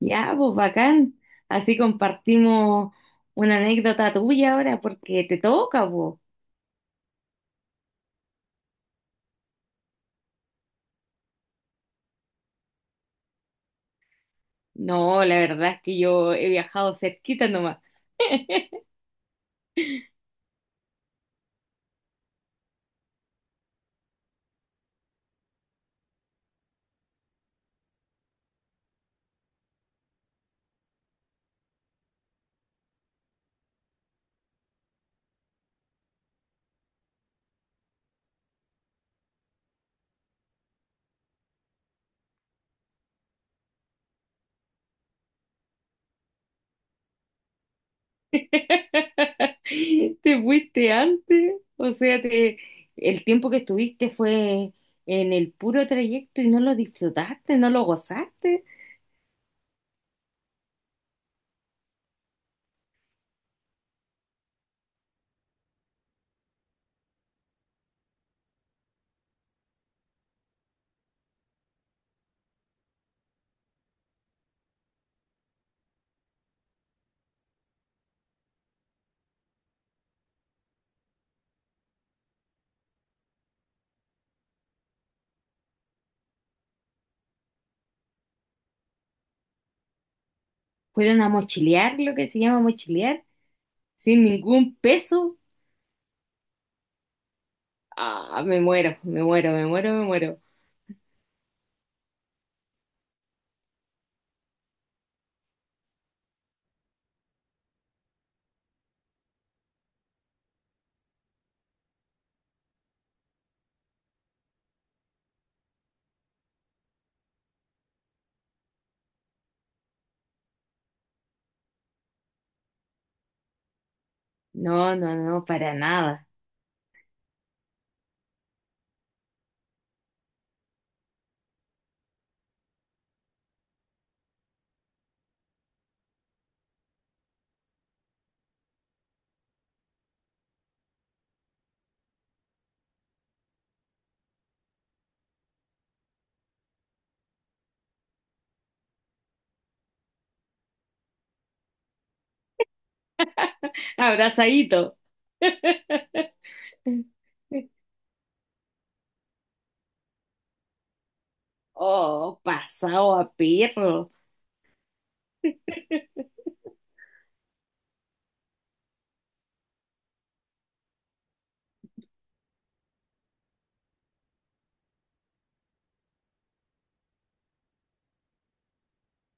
Ya, pues bacán. Así compartimos una anécdota tuya ahora porque te toca, pues. No, la verdad es que yo he viajado cerquita nomás. Te fuiste antes, o sea, te... el tiempo que estuviste fue en el puro trayecto y no lo disfrutaste, no lo gozaste. Fueron a mochilear, lo que se llama mochilear, sin ningún peso. Ah, me muero, me muero, me muero, me muero. No, no, no, para nada. Abrazadito. Oh, pasado a perro.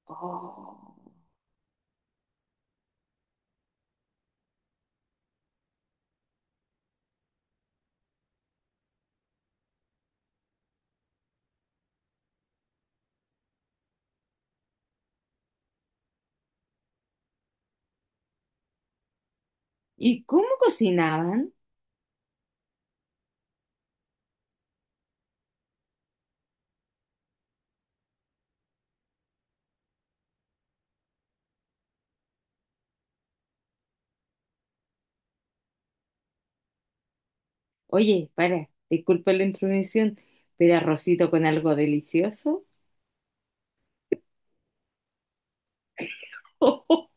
Oh. ¿Y cómo cocinaban? Oye, para, disculpa la intromisión, pero arrocito con algo delicioso.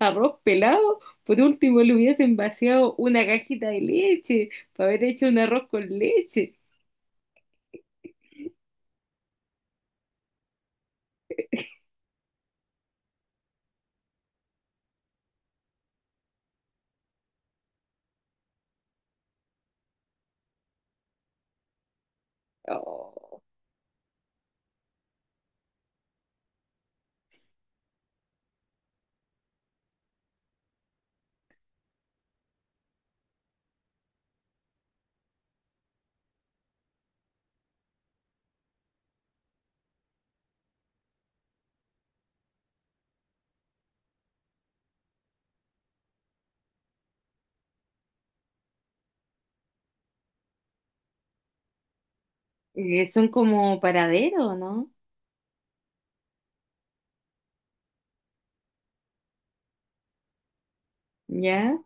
Arroz pelado. Por último, le hubiesen vaciado una cajita de leche para haber hecho un arroz con leche. Oh. Son como paraderos, ¿no? ¿Ya?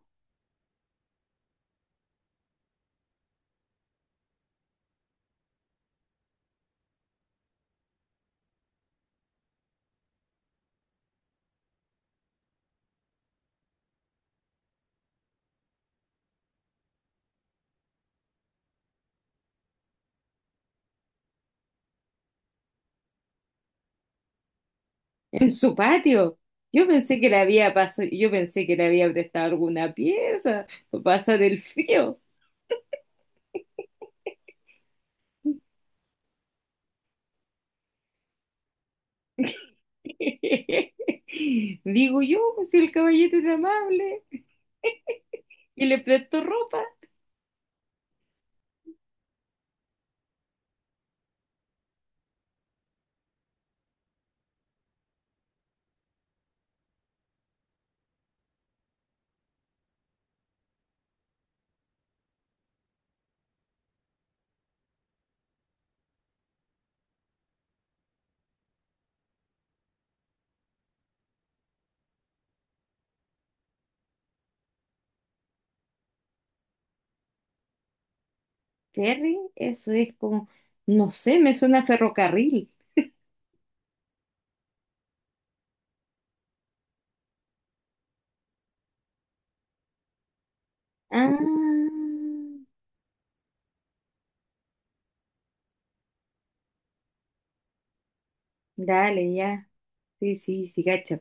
En su patio. Yo pensé que le había pasado, yo pensé que le había prestado alguna pieza para pasar el frío. Digo yo, pues, si el caballete era amable y le prestó ropa. Ferry, eso es como, no sé, me suena a ferrocarril. Ah, dale, ya. Sí, sí, sí, gacho.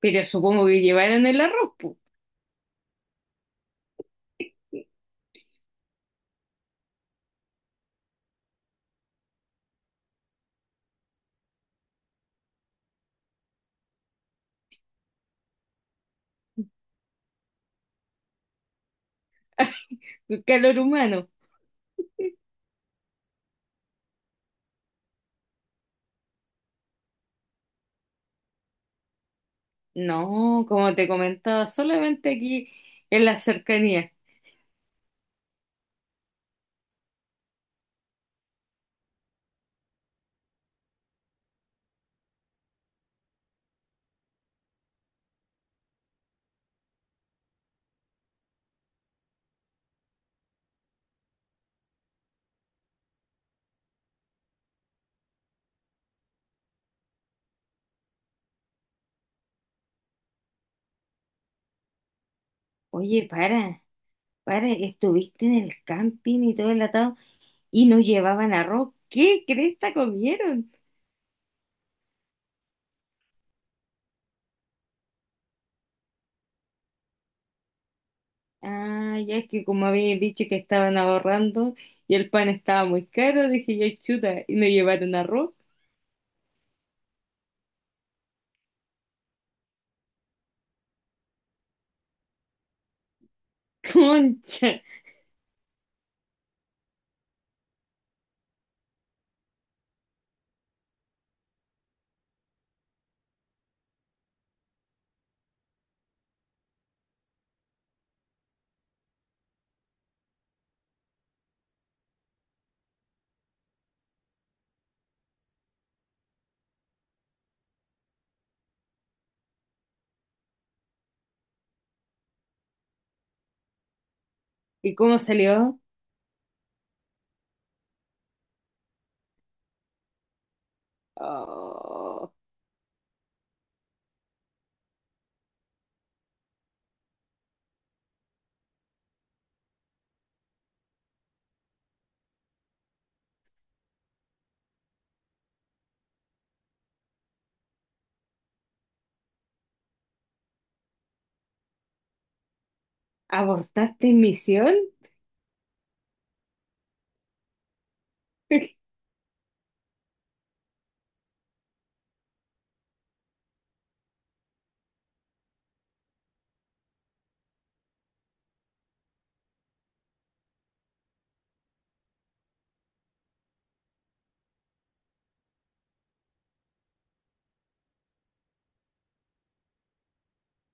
Pero supongo que llevaron el arroz, po. El calor humano. No, como te comentaba, solamente aquí en la cercanía. Oye, para, estuviste en el camping y todo el atado y no llevaban arroz. ¿Qué cresta comieron? Ah, ya es que como había dicho que estaban ahorrando y el pan estaba muy caro, dije yo, chuta, y no llevaron arroz. Concha. ¿Y cómo salió? Oh, ¿abortaste misión?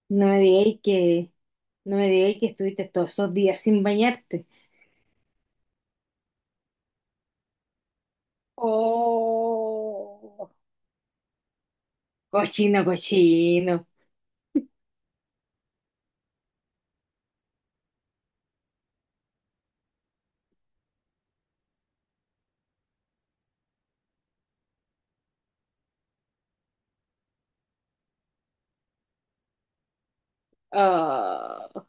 No me digáis que, no me digáis que estuviste todos esos días sin bañarte. Oh, cochino, cochino. Oh.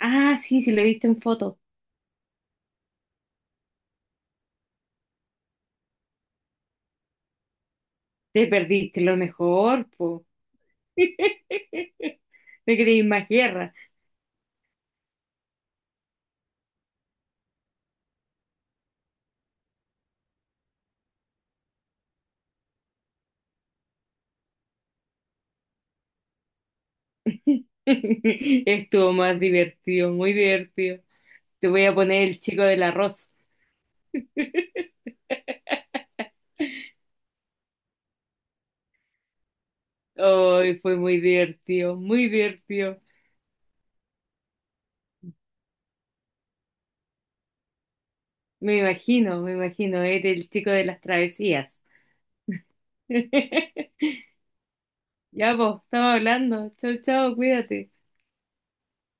Ah, sí, sí, lo he visto en foto. Te perdiste lo mejor, po. Me creí más guerra. Estuvo más divertido, muy divertido. Te voy a poner el chico del arroz. Hoy fue muy divertido, muy divertido. Me imagino, eres el chico de las travesías. Ya vos, estamos hablando. Chau, chau, cuídate.